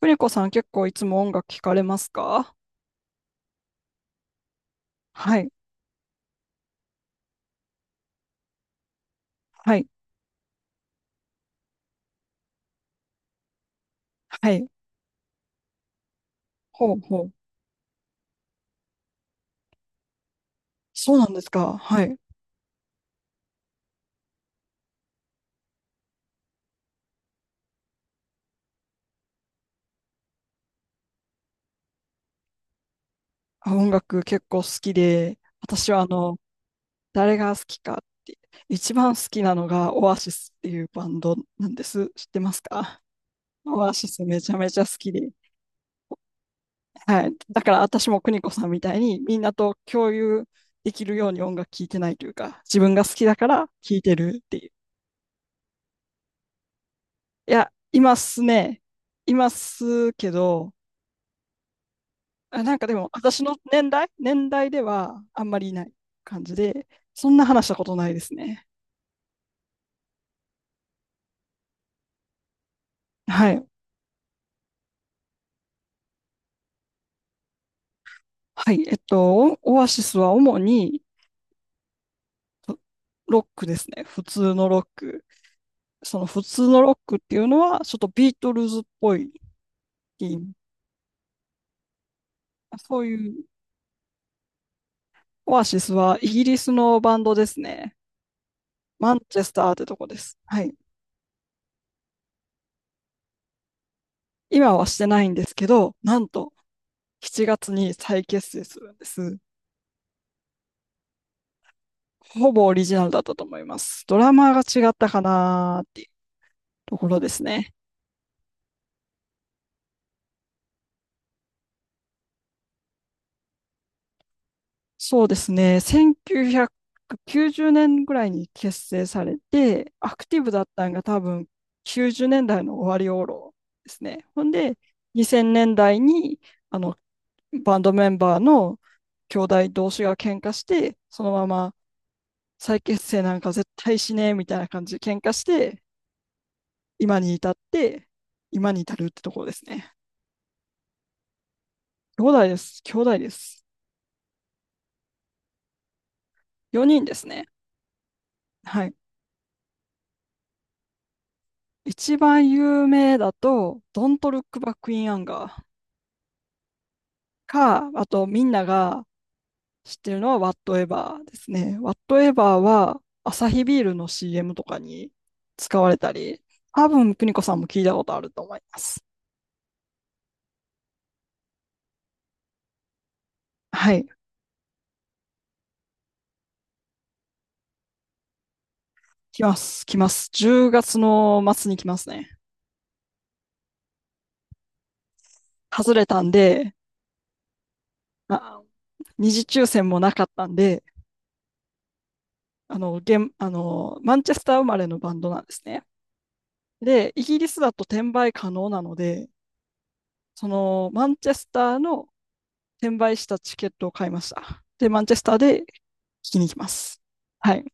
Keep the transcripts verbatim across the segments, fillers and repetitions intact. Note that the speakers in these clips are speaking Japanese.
プリコさん結構いつも音楽聞かれますか？はい、はい、はい。ほうほう。そうなんですか。はい。あ、音楽結構好きで、私はあの、誰が好きかって、一番好きなのがオアシスっていうバンドなんです。知ってますか？オアシスめちゃめちゃ好きで。はい。だから私も邦子さんみたいにみんなと共有できるように音楽聴いてないというか、自分が好きだから聴いてるっていう。いや、いますね。いますけど、あ、なんかでも、私の年代、年代ではあんまりいない感じで、そんな話したことないですね。はい。はい。えっと、オオアシスは主にロロックですね。普通のロック。その普通のロックっていうのは、ちょっとビートルズっぽいっていう。そういう、オアシスはイギリスのバンドですね。マンチェスターってとこです。はい。今はしてないんですけど、なんとしちがつに再結成するんです。ほぼオリジナルだったと思います。ドラマが違ったかなーっていうところですね。そうですね。せんきゅうひゃくきゅうじゅうねんぐらいに結成されて、アクティブだったのが多分きゅうじゅうねんだいの終わり頃ですね。ほんで、にせんねんだいにあのバンドメンバーの兄弟同士が喧嘩して、そのまま再結成なんか絶対しねえみたいな感じで喧嘩して、今に至って、今に至るってところですね。兄弟です。兄弟です。よにんですね。はい。一番有名だと、Don't Look Back in Anger か、あとみんなが知ってるのは Whatever ですね。Whatever はアサヒビールの シーエム とかに使われたり、多分邦子さんも聞いたことあると思います。はい。来ます。来ます。じゅうがつの末に来ますね。外れたんで、まあ、二次抽選もなかったんで、あの、ゲンあの、マンチェスター生まれのバンドなんですね。で、イギリスだと転売可能なので、そのマンチェスターの転売したチケットを買いました。で、マンチェスターで聞きに行きます。はい。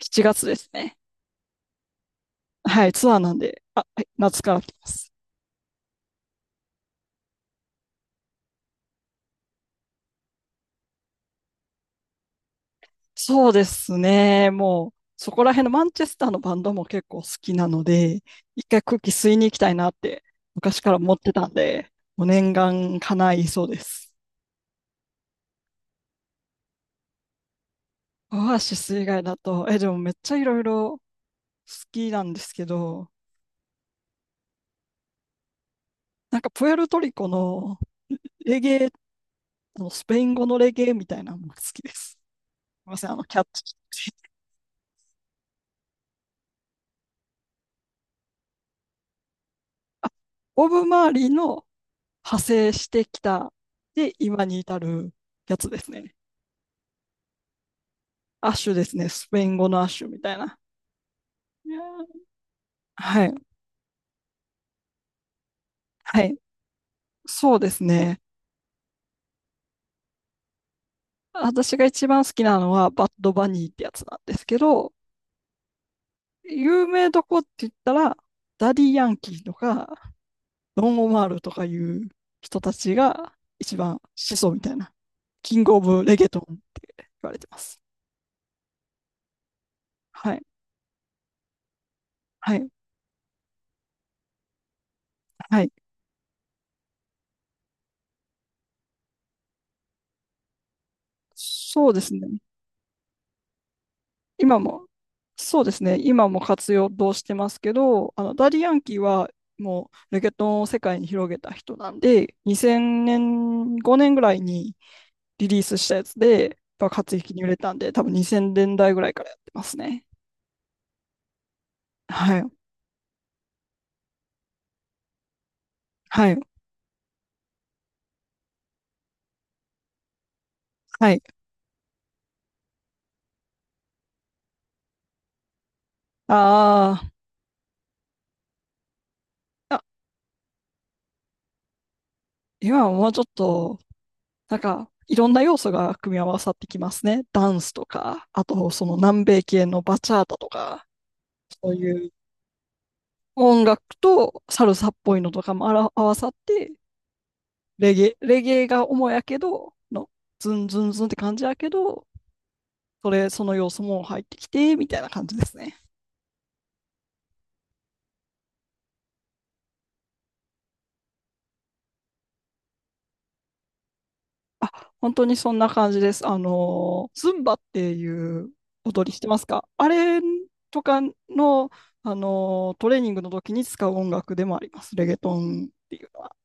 しちがつですね。はい、ツアーなんで、あ、はい夏から来ます。そうですね。もう、そこら辺のマンチェスターのバンドも結構好きなので、一回空気吸いに行きたいなって昔から思ってたんで、もう念願叶いそうです。オアシス以外だと、え、でもめっちゃいろいろ好きなんですけど、なんかプエルトリコのレゲエ、あのスペイン語のレゲエみたいなのも好きです。すみません、あの、キャッチ。あボブ・マーリーの派生してきた、で、今に至るやつですね。アッシュですね。スペイン語のアッシュみたいな。いやー、はい。はい。そうですね。私が一番好きなのは、バッド・バニーってやつなんですけど、有名どこって言ったら、ダディ・ヤンキーとか、ロン・オマールとかいう人たちが一番始祖みたいな、キング・オブ・レゲトン言われてます。はい。はい。はい。そうですね。今も、そうですね。今も活用してますけど、あの、ダリ・ヤンキーはもうレゲトンを世界に広げた人なんで、にせんねん、ごねんぐらいにリリースしたやつで、やっぱ活躍に売れたんで、多分にせんねんだいぐらいからやってますね。はい。はい。はい。あーあ、今はもうちょっとなんか、いろんな要素が組み合わさってきますね。ダンスとか、あとその南米系のバチャータとか、そういう音楽とサルサっぽいのとかもあら合わさって、レゲエ、レゲエが主やけど、の、ズンズンズンって感じやけど、それ、その要素も入ってきて、みたいな感じですね。あ、本当にそんな感じです。あの、ズンバっていう踊りしてますか？あれとかの、あの、トレーニングの時に使う音楽でもあります。レゲトンっていうのは。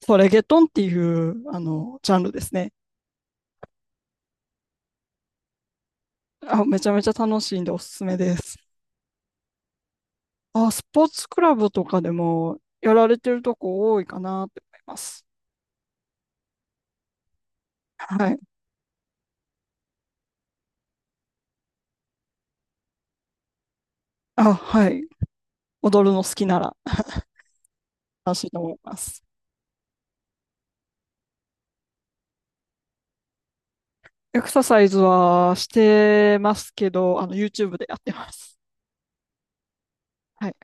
そう、レゲトンっていう、あの、ジャンルですね。あ、めちゃめちゃ楽しいんでおすすめです。あ、スポーツクラブとかでもやられてるとこ多いかなって思います。はい。あ、はい。踊るの好きなら楽しいと思います。エクササイズはしてますけど、あの、YouTube でやってます。はい。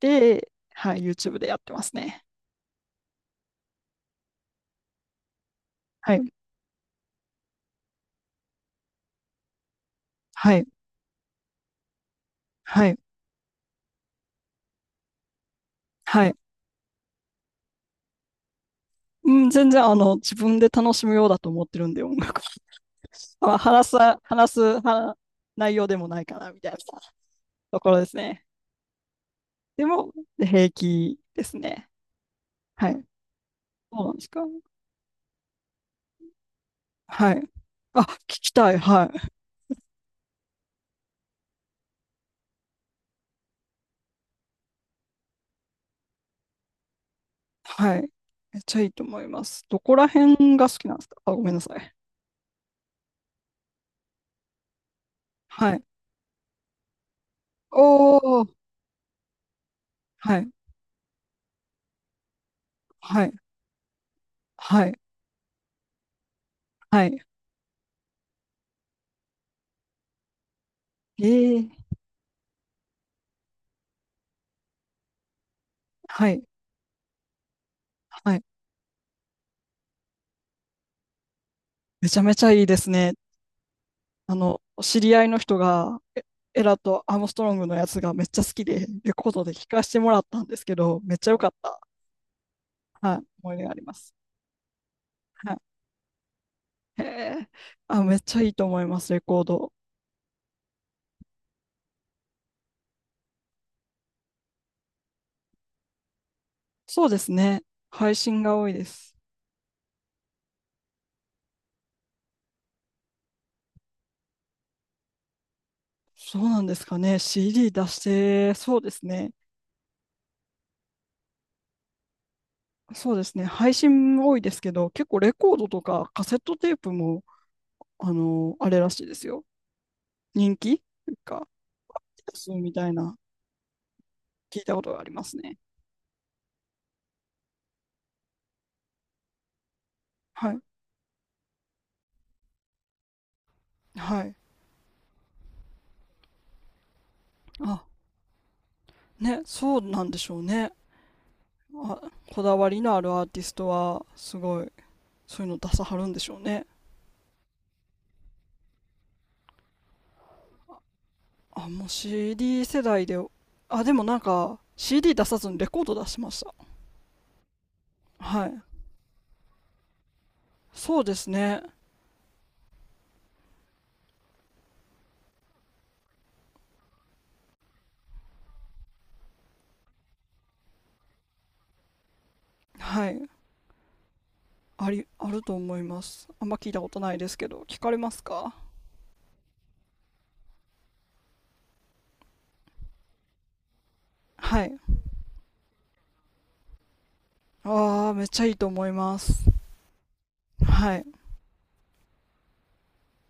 で、はい、YouTube でやってますね。はい。はい。はい。はい。うん、全然、あの、自分で楽しむようだと思ってるんで、音楽は。まあ、話す、話す、は内容でもないかな、みたいなところですね。でも、で平気ですね。はい。そうなんですか？はい。あ、聞きたい。はい。はい。めっちゃいいと思います。どこら辺が好きなんですか？あ、ごめんなさい。はい。おーはい、はい、はい、はい。ええ、はい、はい。めちゃめちゃいいですね。あの、お知り合いの人が、エエラとアームストロングのやつがめっちゃ好きで、レコードで聞かせてもらったんですけど、めっちゃ良かった。はい、思い出があります。はい。へえ、あ、めっちゃいいと思います、レコード。そうですね。配信が多いです。そうなんですかね。シーディー 出して、そうですね。そうですね。配信も多いですけど、結構レコードとかカセットテープもあの、あれらしいですよ。人気が、そうみたいな、聞いたことがありますね。はい。はい。あ、ね、そうなんでしょうね。あ、こだわりのあるアーティストは、すごい、そういうの出さはるんでしょうね。あ、もう シーディー 世代で、あ、でもなんか、シーディー 出さずにレコード出しました。はい。そうですね。はい。あり、あると思います。あんま聞いたことないですけど、聞かれますか？はい。ああ、めっちゃいいと思います。はい。